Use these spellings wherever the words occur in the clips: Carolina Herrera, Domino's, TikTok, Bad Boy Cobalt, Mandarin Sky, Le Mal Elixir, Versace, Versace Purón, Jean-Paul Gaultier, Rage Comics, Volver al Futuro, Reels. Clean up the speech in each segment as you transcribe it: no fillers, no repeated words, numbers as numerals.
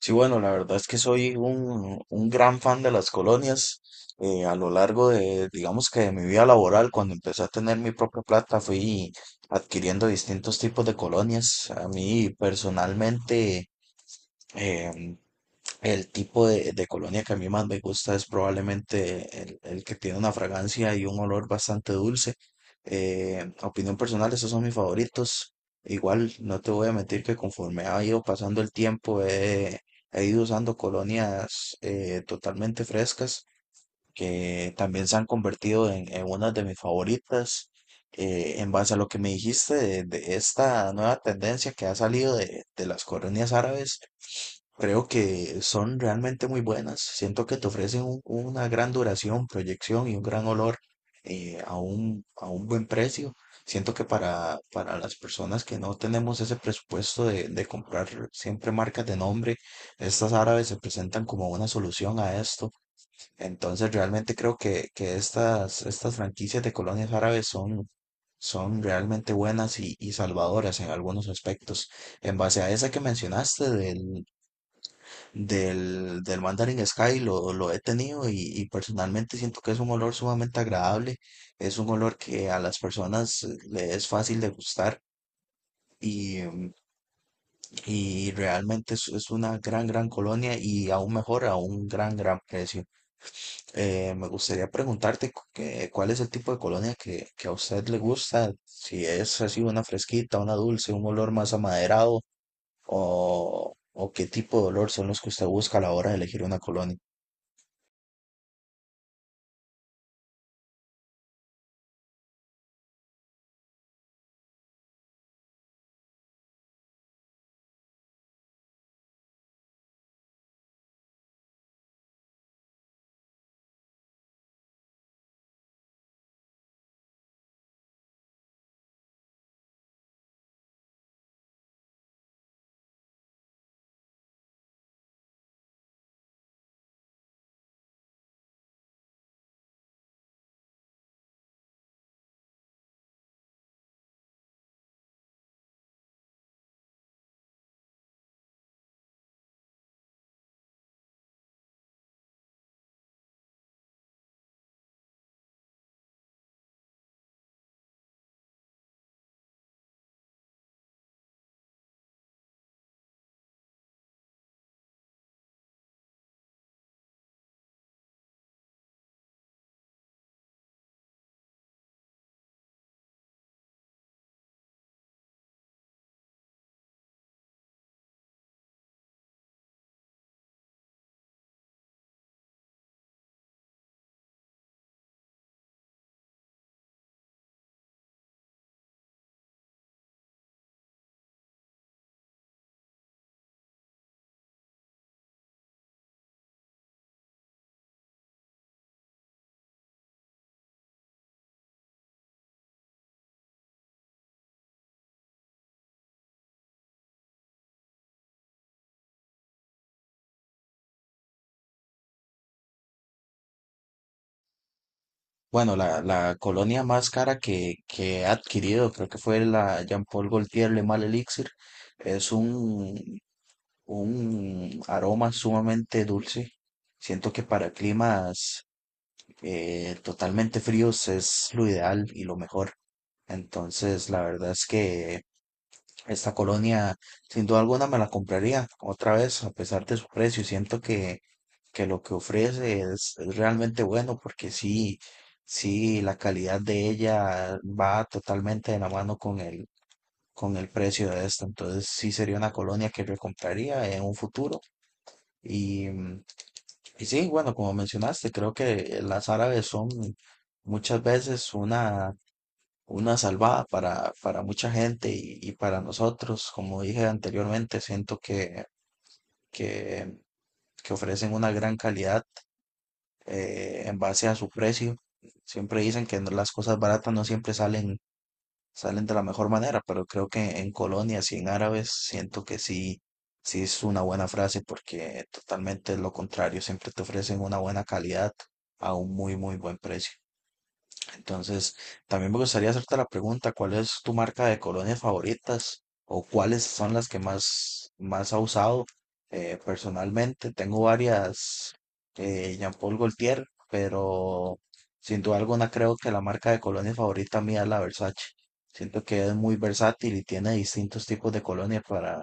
Sí, bueno, la verdad es que soy un gran fan de las colonias. A lo largo de, digamos que de mi vida laboral, cuando empecé a tener mi propia plata, fui adquiriendo distintos tipos de colonias. A mí personalmente, em, el tipo de colonia que a mí más me gusta es probablemente el que tiene una fragancia y un olor bastante dulce. Opinión personal, esos son mis favoritos. Igual, no te voy a mentir que conforme ha ido pasando el tiempo, he ido usando colonias totalmente frescas que también se han convertido en una de mis favoritas. En base a lo que me dijiste de esta nueva tendencia que ha salido de las colonias árabes. Creo que son realmente muy buenas. Siento que te ofrecen una gran duración, proyección y un gran olor a un buen precio. Siento que para las personas que no tenemos ese presupuesto de comprar siempre marcas de nombre, estas árabes se presentan como una solución a esto. Entonces realmente creo que estas, estas franquicias de colonias árabes son, son realmente buenas y salvadoras en algunos aspectos. En base a esa que mencionaste del, del Mandarin Sky lo he tenido y personalmente siento que es un olor sumamente agradable, es un olor que a las personas le es fácil de gustar y, y realmente es una gran, gran colonia y aún mejor a un gran, gran precio. Me gustaría preguntarte cuál es el tipo de colonia que a usted le gusta, si es así una fresquita, una dulce, un olor más amaderado o qué tipo de olor son los que usted busca a la hora de elegir una colonia. Bueno, la colonia más cara que he adquirido, creo que fue la Jean-Paul Gaultier Le Mal Elixir. Es un aroma sumamente dulce. Siento que para climas totalmente fríos es lo ideal y lo mejor. Entonces, la verdad es que esta colonia, sin duda alguna, me la compraría otra vez, a pesar de su precio. Siento que lo que ofrece es realmente bueno, porque sí, sí, la calidad de ella va totalmente de la mano con el precio de esta. Entonces, sí sería una colonia que recompraría en un futuro. Y, mm, y sí, bueno, como mencionaste, creo que las árabes son muchas veces una salvada para mucha gente y para nosotros. Como dije anteriormente, siento que, que ofrecen una gran calidad en base a su precio. Siempre dicen que las cosas baratas no siempre salen, salen de la mejor manera, pero creo que en colonias y en árabes siento que sí, sí es una buena frase porque totalmente es lo contrario, siempre te ofrecen una buena calidad a un muy, muy buen precio. Entonces, también me gustaría hacerte la pregunta, ¿cuál es tu marca de colonias favoritas o cuáles son las que más, más ha usado personalmente? Tengo varias Jean Paul Gaultier, pero sin duda alguna creo que la marca de colonias favorita mía es la Versace. Siento que es muy versátil y tiene distintos tipos de colonias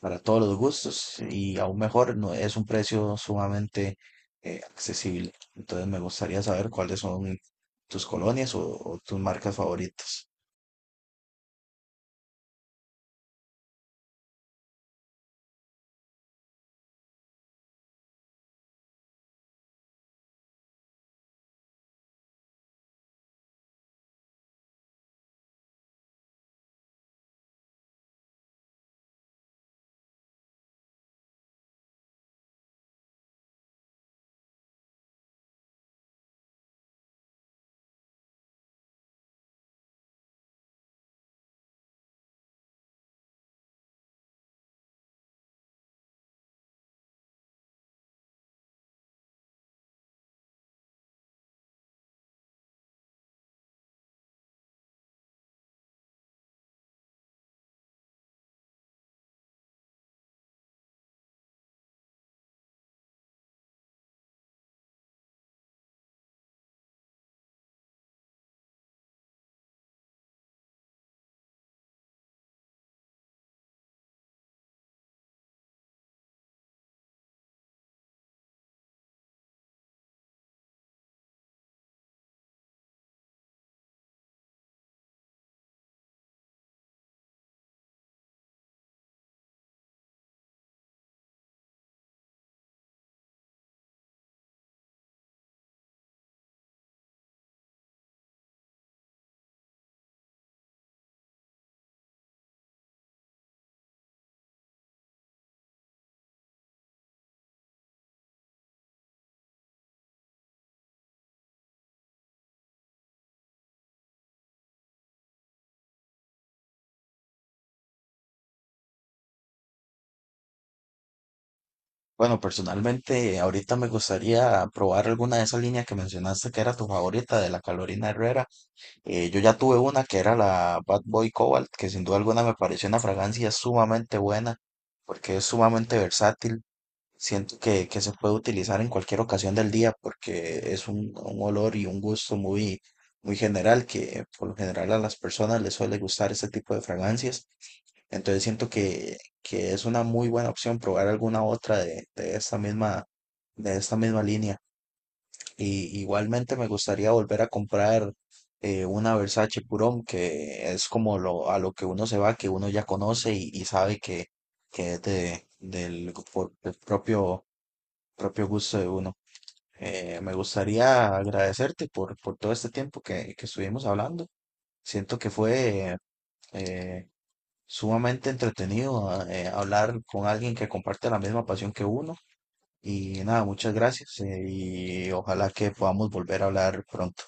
para todos los gustos y aún mejor, no, es un precio sumamente accesible. Entonces me gustaría saber cuáles son tus colonias o tus marcas favoritas. Bueno, personalmente, ahorita me gustaría probar alguna de esas líneas que mencionaste que era tu favorita de la Carolina Herrera. Yo ya tuve una que era la Bad Boy Cobalt, que sin duda alguna me pareció una fragancia sumamente buena porque es sumamente versátil. Siento que se puede utilizar en cualquier ocasión del día porque es un olor y un gusto muy, muy general que por lo general a las personas les suele gustar este tipo de fragancias. Entonces siento que es una muy buena opción probar alguna otra de esta misma línea. Y igualmente me gustaría volver a comprar una Versace Purón que es como lo, a lo que uno se va, que uno ya conoce y sabe que es de, del propio propio gusto de uno. Me gustaría agradecerte por todo este tiempo que estuvimos hablando. Siento que fue eh, sumamente entretenido hablar con alguien que comparte la misma pasión que uno. Y nada, muchas gracias y ojalá que podamos volver a hablar pronto.